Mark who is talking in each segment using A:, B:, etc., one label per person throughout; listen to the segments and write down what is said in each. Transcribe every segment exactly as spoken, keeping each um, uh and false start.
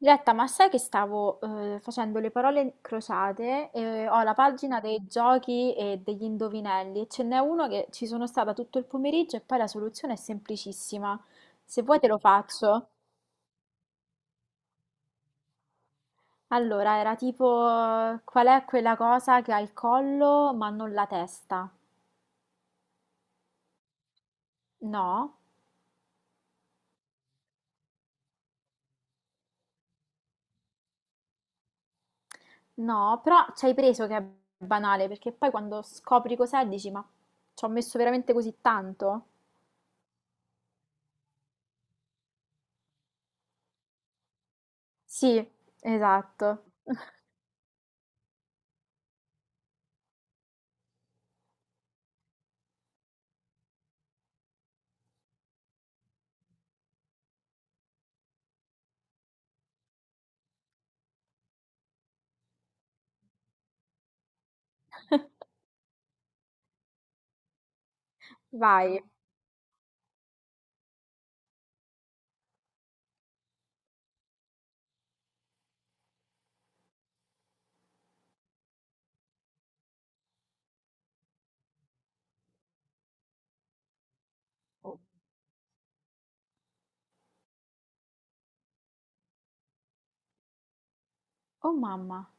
A: Diletta, ma sai che stavo eh, facendo le parole crociate e ho la pagina dei giochi e degli indovinelli e ce n'è uno che ci sono stata tutto il pomeriggio e poi la soluzione è semplicissima. Se vuoi te lo faccio. Allora, era tipo qual è quella cosa che ha il collo ma non la testa? No, no, però ci hai preso che è banale perché poi quando scopri cos'è dici ma ci ho messo veramente così tanto? Sì, esatto. Vai. Oh mamma,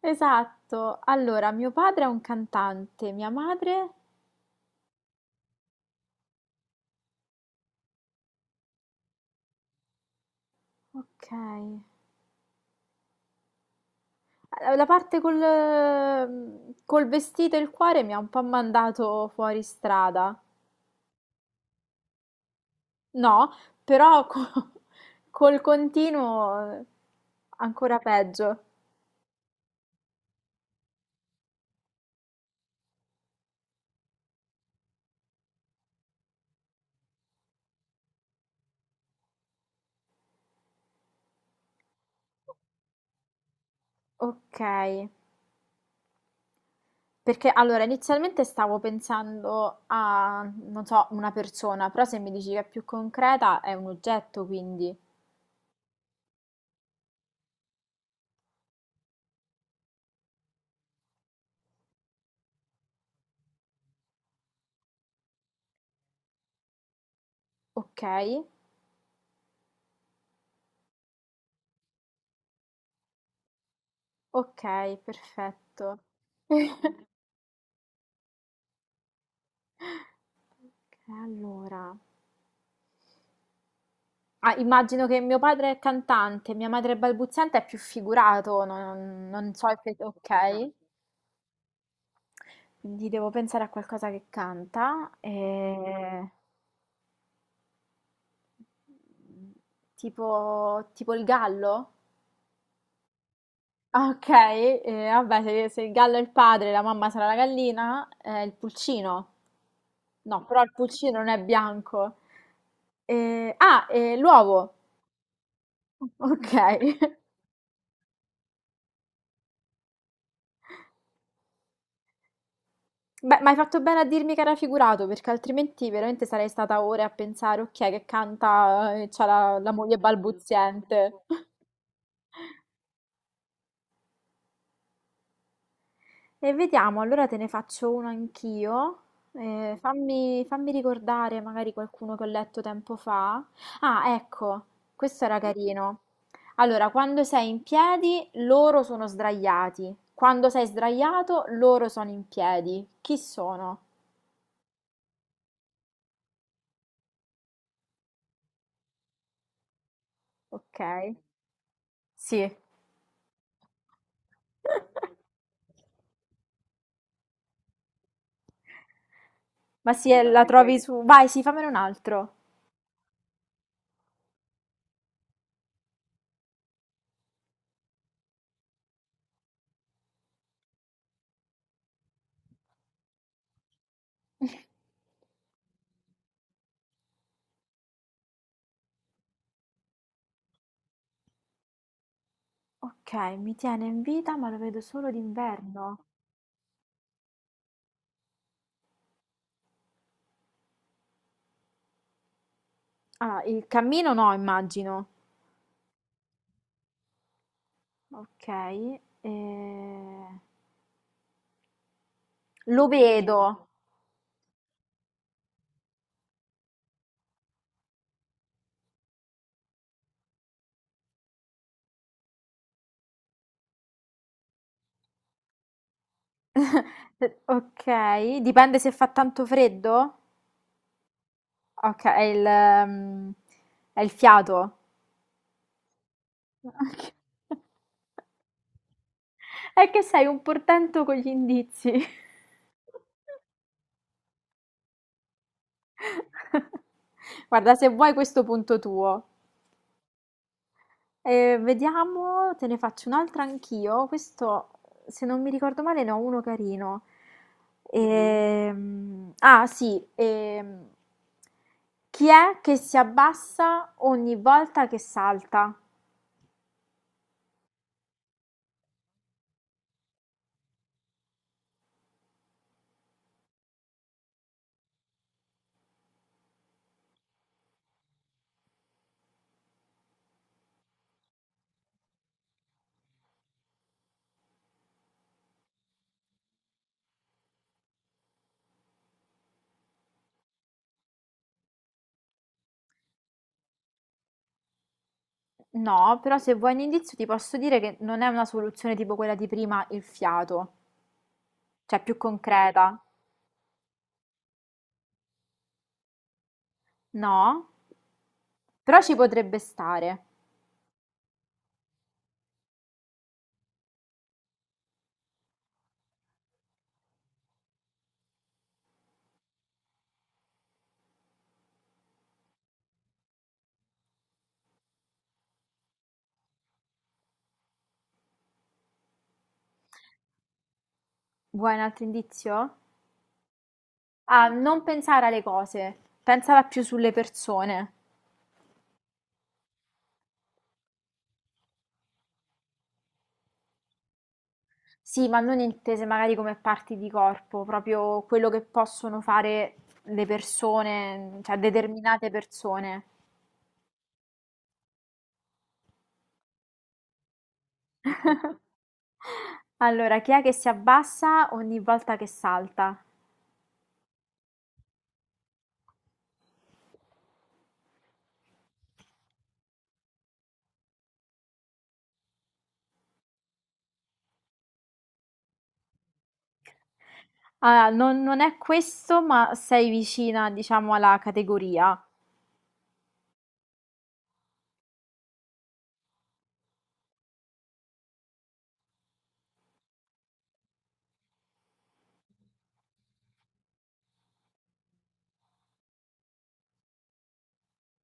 A: esatto. Allora, mio padre è un cantante, mia madre... Ok. Eh, la parte col, mm, col vestito e il cuore mi ha un po' mandato fuori strada. No, però co- col continuo eh, ancora peggio. Ok. Perché allora inizialmente stavo pensando a, non so, una persona, però se mi dici che è più concreta è un oggetto, quindi ok. Ok, perfetto. E allora, ah, immagino che mio padre è cantante, mia madre è balbuziente, è più figurato, non, non so effe- ok. Quindi devo pensare a qualcosa che canta, e- tipo, tipo il gallo? Ah, ok, eh, vabbè, se, se il gallo è il padre, la mamma sarà la gallina, eh, il pulcino. No, però il pulcino non è bianco. Eh, ah, eh, l'uovo. Ok. Beh, ma hai fatto bene a dirmi che era figurato, perché altrimenti veramente sarei stata ore a pensare, ok, che canta e c'ha la, la moglie balbuziente. E vediamo, allora te ne faccio uno anch'io. Eh, fammi, fammi ricordare magari qualcuno che ho letto tempo fa. Ah, ecco, questo era carino. Allora, quando sei in piedi, loro sono sdraiati. Quando sei sdraiato, loro sono in piedi. Chi sono? Ok. Sì. Ma sì, sì, eh, la vabbè, poi trovi questo. Su... vai, sì, fammene un altro. Ok, mi tiene in vita, ma lo vedo solo d'inverno. Ah, il cammino no, immagino. Ok, eh, lo vedo. Ok, dipende se fa tanto freddo. Ok, è il, ehm, è il fiato. Ok. È che sei un portento con gli indizi. Guarda, se vuoi questo punto tuo. Ehm, vediamo, te ne faccio un'altra anch'io. Questo, se non mi ricordo male, ne ho uno carino. Ehm, ah, sì. Ehm, chi è che si abbassa ogni volta che salta? No, però se vuoi un indizio ti posso dire che non è una soluzione tipo quella di prima, il fiato, cioè più concreta. No? Però ci potrebbe stare. Vuoi un altro indizio? A non pensare alle cose, pensala più sulle persone. Sì, ma non intese magari come parti di corpo, proprio quello che possono fare le persone, cioè determinate persone. Allora, chi è che si abbassa ogni volta che salta? Ah, non, non è questo, ma sei vicina, diciamo, alla categoria.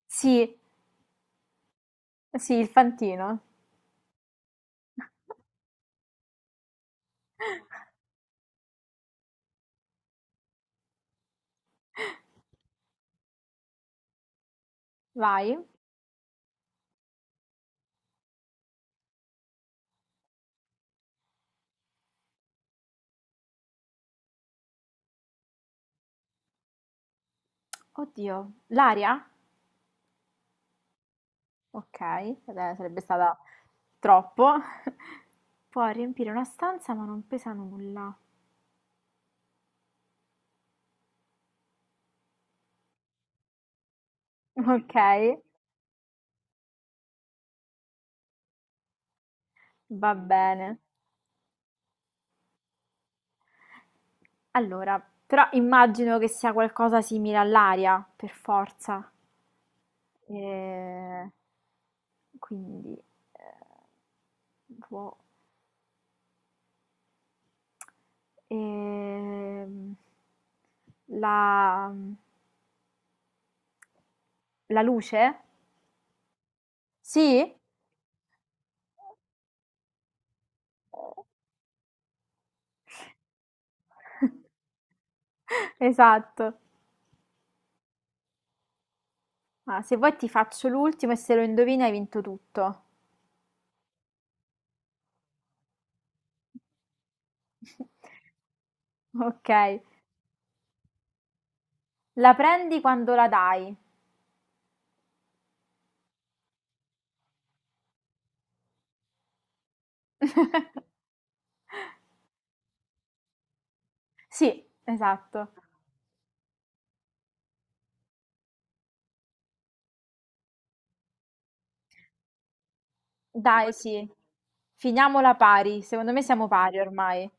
A: Sì, sì, il fantino. Vai. Oddio, l'aria? Okay, vabbè sarebbe stata troppo. Può riempire una stanza ma non pesa nulla. Okay, va bene. Allora, però immagino che sia qualcosa simile all'aria, per forza. Ehm, quindi, ehm, Può ehm, la mhmm, la luce? Sì? Esatto. Ma se vuoi ti faccio l'ultimo e se lo indovini hai vinto tutto. Ok. La prendi quando la dai. Sì, esatto. Dai, sì. Finiamola pari. Secondo me siamo pari ormai.